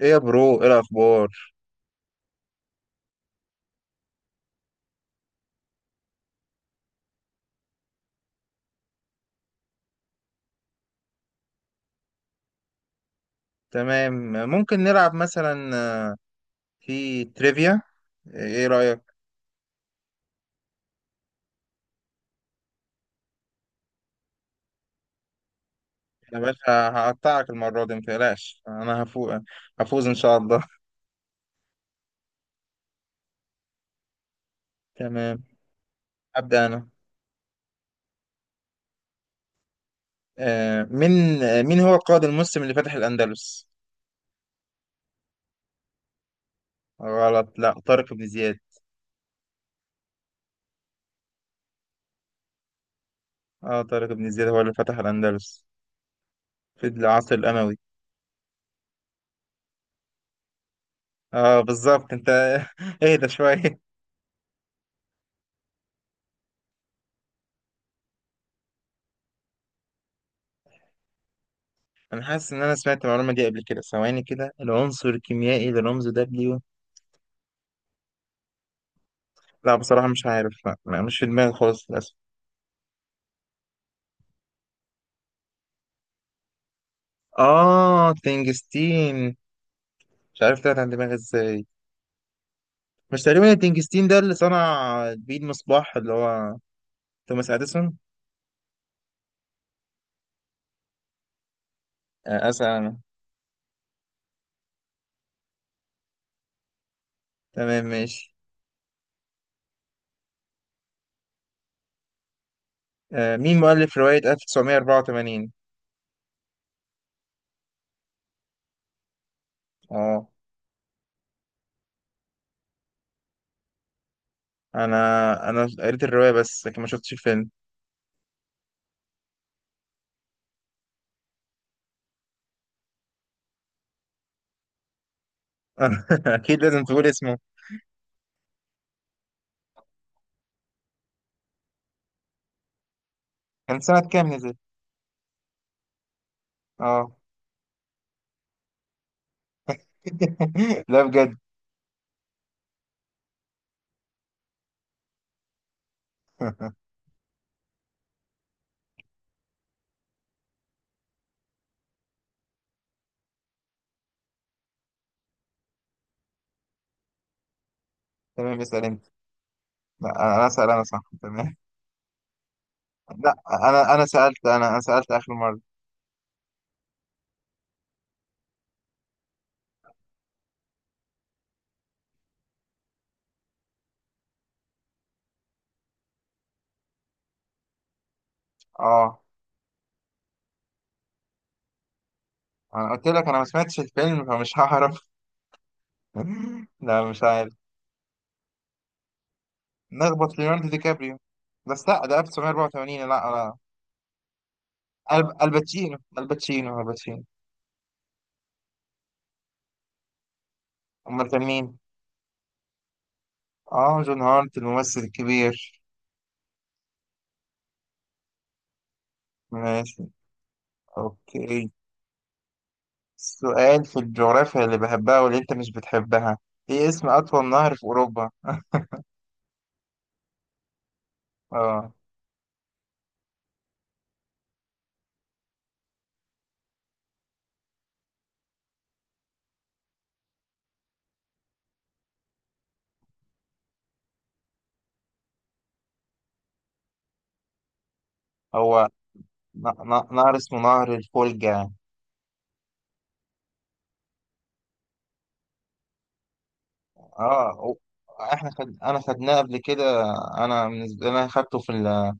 ايه يا برو، ايه الاخبار؟ تمام، ممكن نلعب مثلا آه، في تريفيا. ايه رايك؟ يا باشا، هقطعك المره دي، متقلقش انا هفوز، هفوز ان شاء الله. تمام، ابدا انا. مين هو القائد المسلم اللي فتح الاندلس؟ غلط، لا، طارق بن زياد. اه، طارق بن زياد هو اللي فتح الاندلس في العصر الاموي. اه بالظبط انت. اهدى شويه. انا حاسس ان انا سمعت المعلومه دي قبل كده، ثواني كده، العنصر الكيميائي للرمز W. لا، بصراحة مش عارف، لا لا، مش في دماغي خالص للأسف. آه، تنجستين. مش عارف طلعت عن دماغي ازاي. مش تقريبا التنجستين ده اللي صنع بيه المصباح، اللي هو توماس أديسون؟ آه، أسأل أنا. تمام، ماشي. مين مؤلف رواية 1984؟ آه أنا أنا قريت الرواية بس لكن ما شفتش الفيلم. أكيد لازم تقول اسمه. كان سنة كام نزل؟ آه. لا بجد. تمام، اسأل أنت. لا، أنا أسأل أنا، صح، تمام. لا، انا سالت اخر مره. اه، انا قلت لك انا ما سمعتش الفيلم فمش هعرف. لا مش عارف. نخبط ليوناردو دي كابريو. بس لا، ده 1984، لا لا. الباتشينو. امال كان مين؟ اه، جون هارت، الممثل الكبير. ماشي. اوكي، سؤال في الجغرافيا اللي بحبها واللي انت مش بتحبها. ايه اسم اطول نهر في اوروبا؟ اه، هو نهر اسمه نهر الفولجا. اه، احنا انا خدناه قبل كده. انا بالنسبه لي انا خدته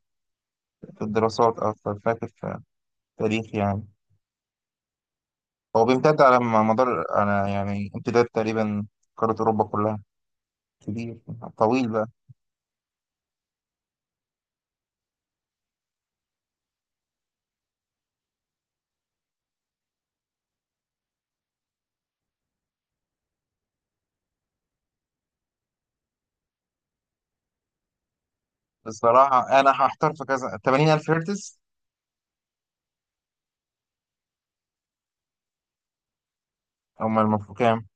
في الدراسات اكتر، فاكر في التاريخ يعني. هو بيمتد على مدار انا يعني امتداد تقريبا قاره اوروبا كلها. كبير. طويل بقى. بصراحه انا هحتار في كذا، 80000 هرتز؟ المفروض كام؟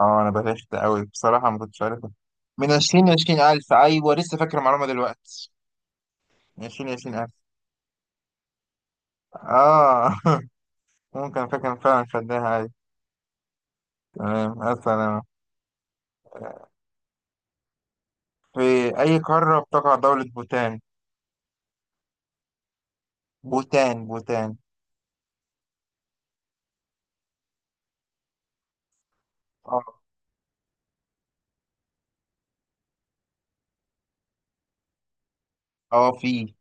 اه، انا بلشت قوي بصراحه، ما كنتش عارفها. من 20 ل 20000، ايوه لسه فاكر المعلومه دلوقتي. من 20 ل 20000. اه. ممكن، فاكر فعلا، خدناها عادي. تمام، اصلا في أي قارة بتقع دولة بوتان؟ بوتان، بوتان. اه اه، في.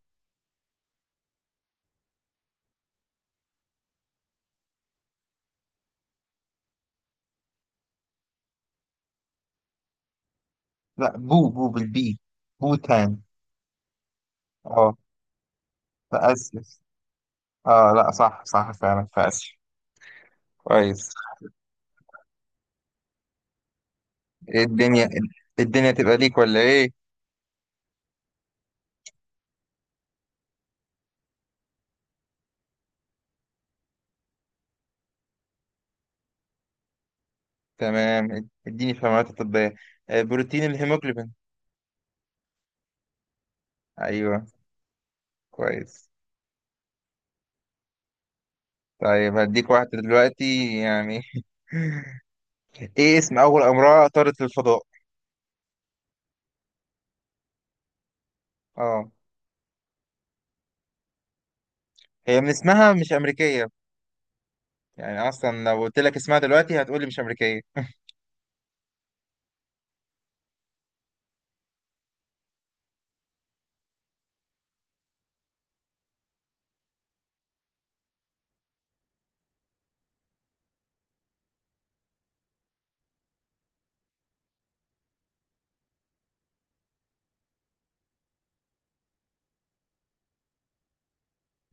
لا، بو بو بالبي بوتان. اه في آسيا. اه لا، صح صح، فعلا في آسيا. كويس. إيه الدنيا؟ الدنيا تبقى ليك ولا ايه؟ تمام، اديني في المعلومات الطبية. بروتين الهيموجلوبين. ايوه، كويس. طيب هديك واحدة دلوقتي يعني. ايه اسم أول امرأة طارت للفضاء؟ اه، هي من اسمها مش أمريكية. يعني اصلا لو قلت لك اسمها دلوقتي هتقولي مش امريكيه.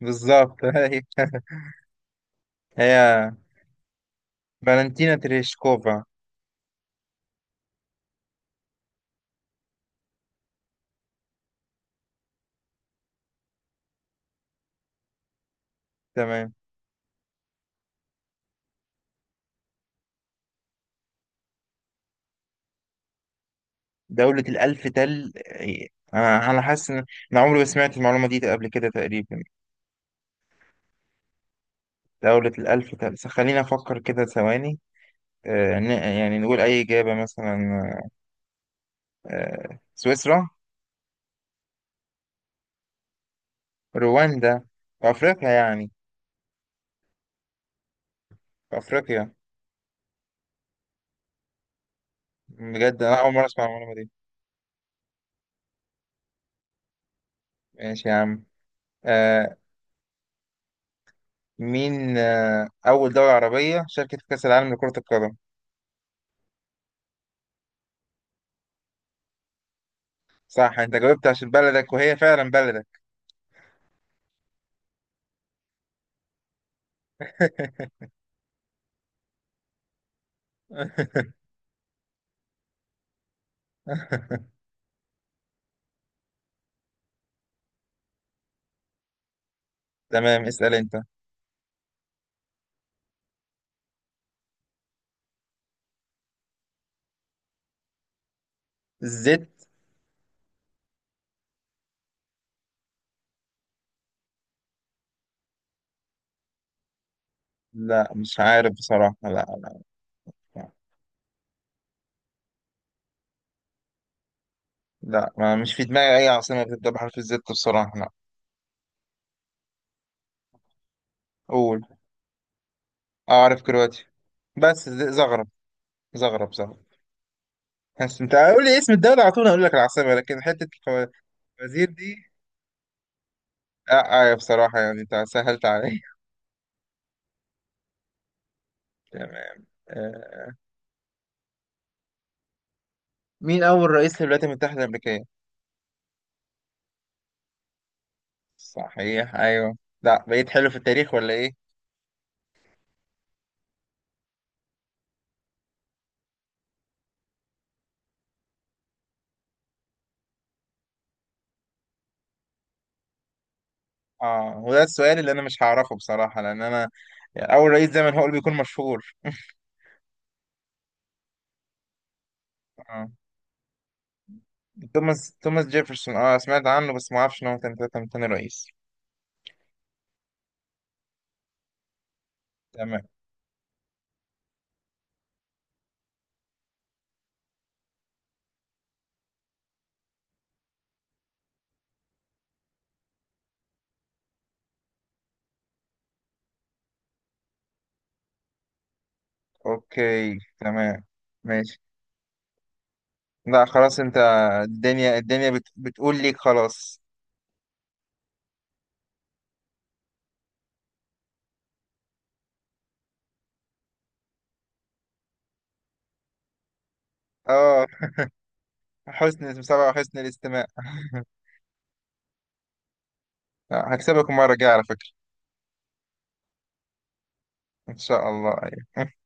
بالظبط. هي فالنتينا تريشكوفا. تمام. دولة الألف تل إيه؟ أنا حاسس إن أنا عمري ما سمعت المعلومة دي قبل كده تقريبا. دولة الألف تل، خليني أفكر كده ثواني. يعني نقول أي إجابة، مثلا سويسرا. رواندا؟ في أفريقيا يعني؟ في أفريقيا. بجد أنا أول مرة أسمع المعلومة دي. ماشي يا عم. آه، مين آه، أول دولة عربية شاركت في كأس العالم لكرة القدم؟ صح، أنت جاوبت عشان بلدك، وهي فعلا بلدك. تمام، اسأل أنت. الزد. لا، مش عارف بصراحة، لا. لا لا، ما مش في دماغي أي عاصمة بتبدأ بحرف الزد، بصراحة لا. قول. أعرف كرواتيا، بس زغرب. زغرب، زغرب. بس أنت قول لي اسم الدولة على طول أقول لك العاصمة، لكن حتة الفوازير دي لا. بصراحة يعني أنت سهلت عليا. تمام. مين أول رئيس للولايات المتحدة الأمريكية؟ صحيح، أيوه. لا، بقيت حلو في التاريخ ولا إيه؟ هو ده السؤال اللي أنا مش هعرفه بصراحة، لأن أنا أول رئيس زي ما هو اللي بيكون مشهور. آه. توماس جيفرسون، أه سمعت عنه بس ما أعرفش إن هو كان تاني رئيس. تمام. أوكي، تمام، ماشي. لا خلاص، أنت. الدنيا، الدنيا بتقول ليك خلاص. أه، حسن المتابعة وحسن الاستماع. لا، هكسبك المرة الجاية على فكرة. إن شاء الله، أيوه.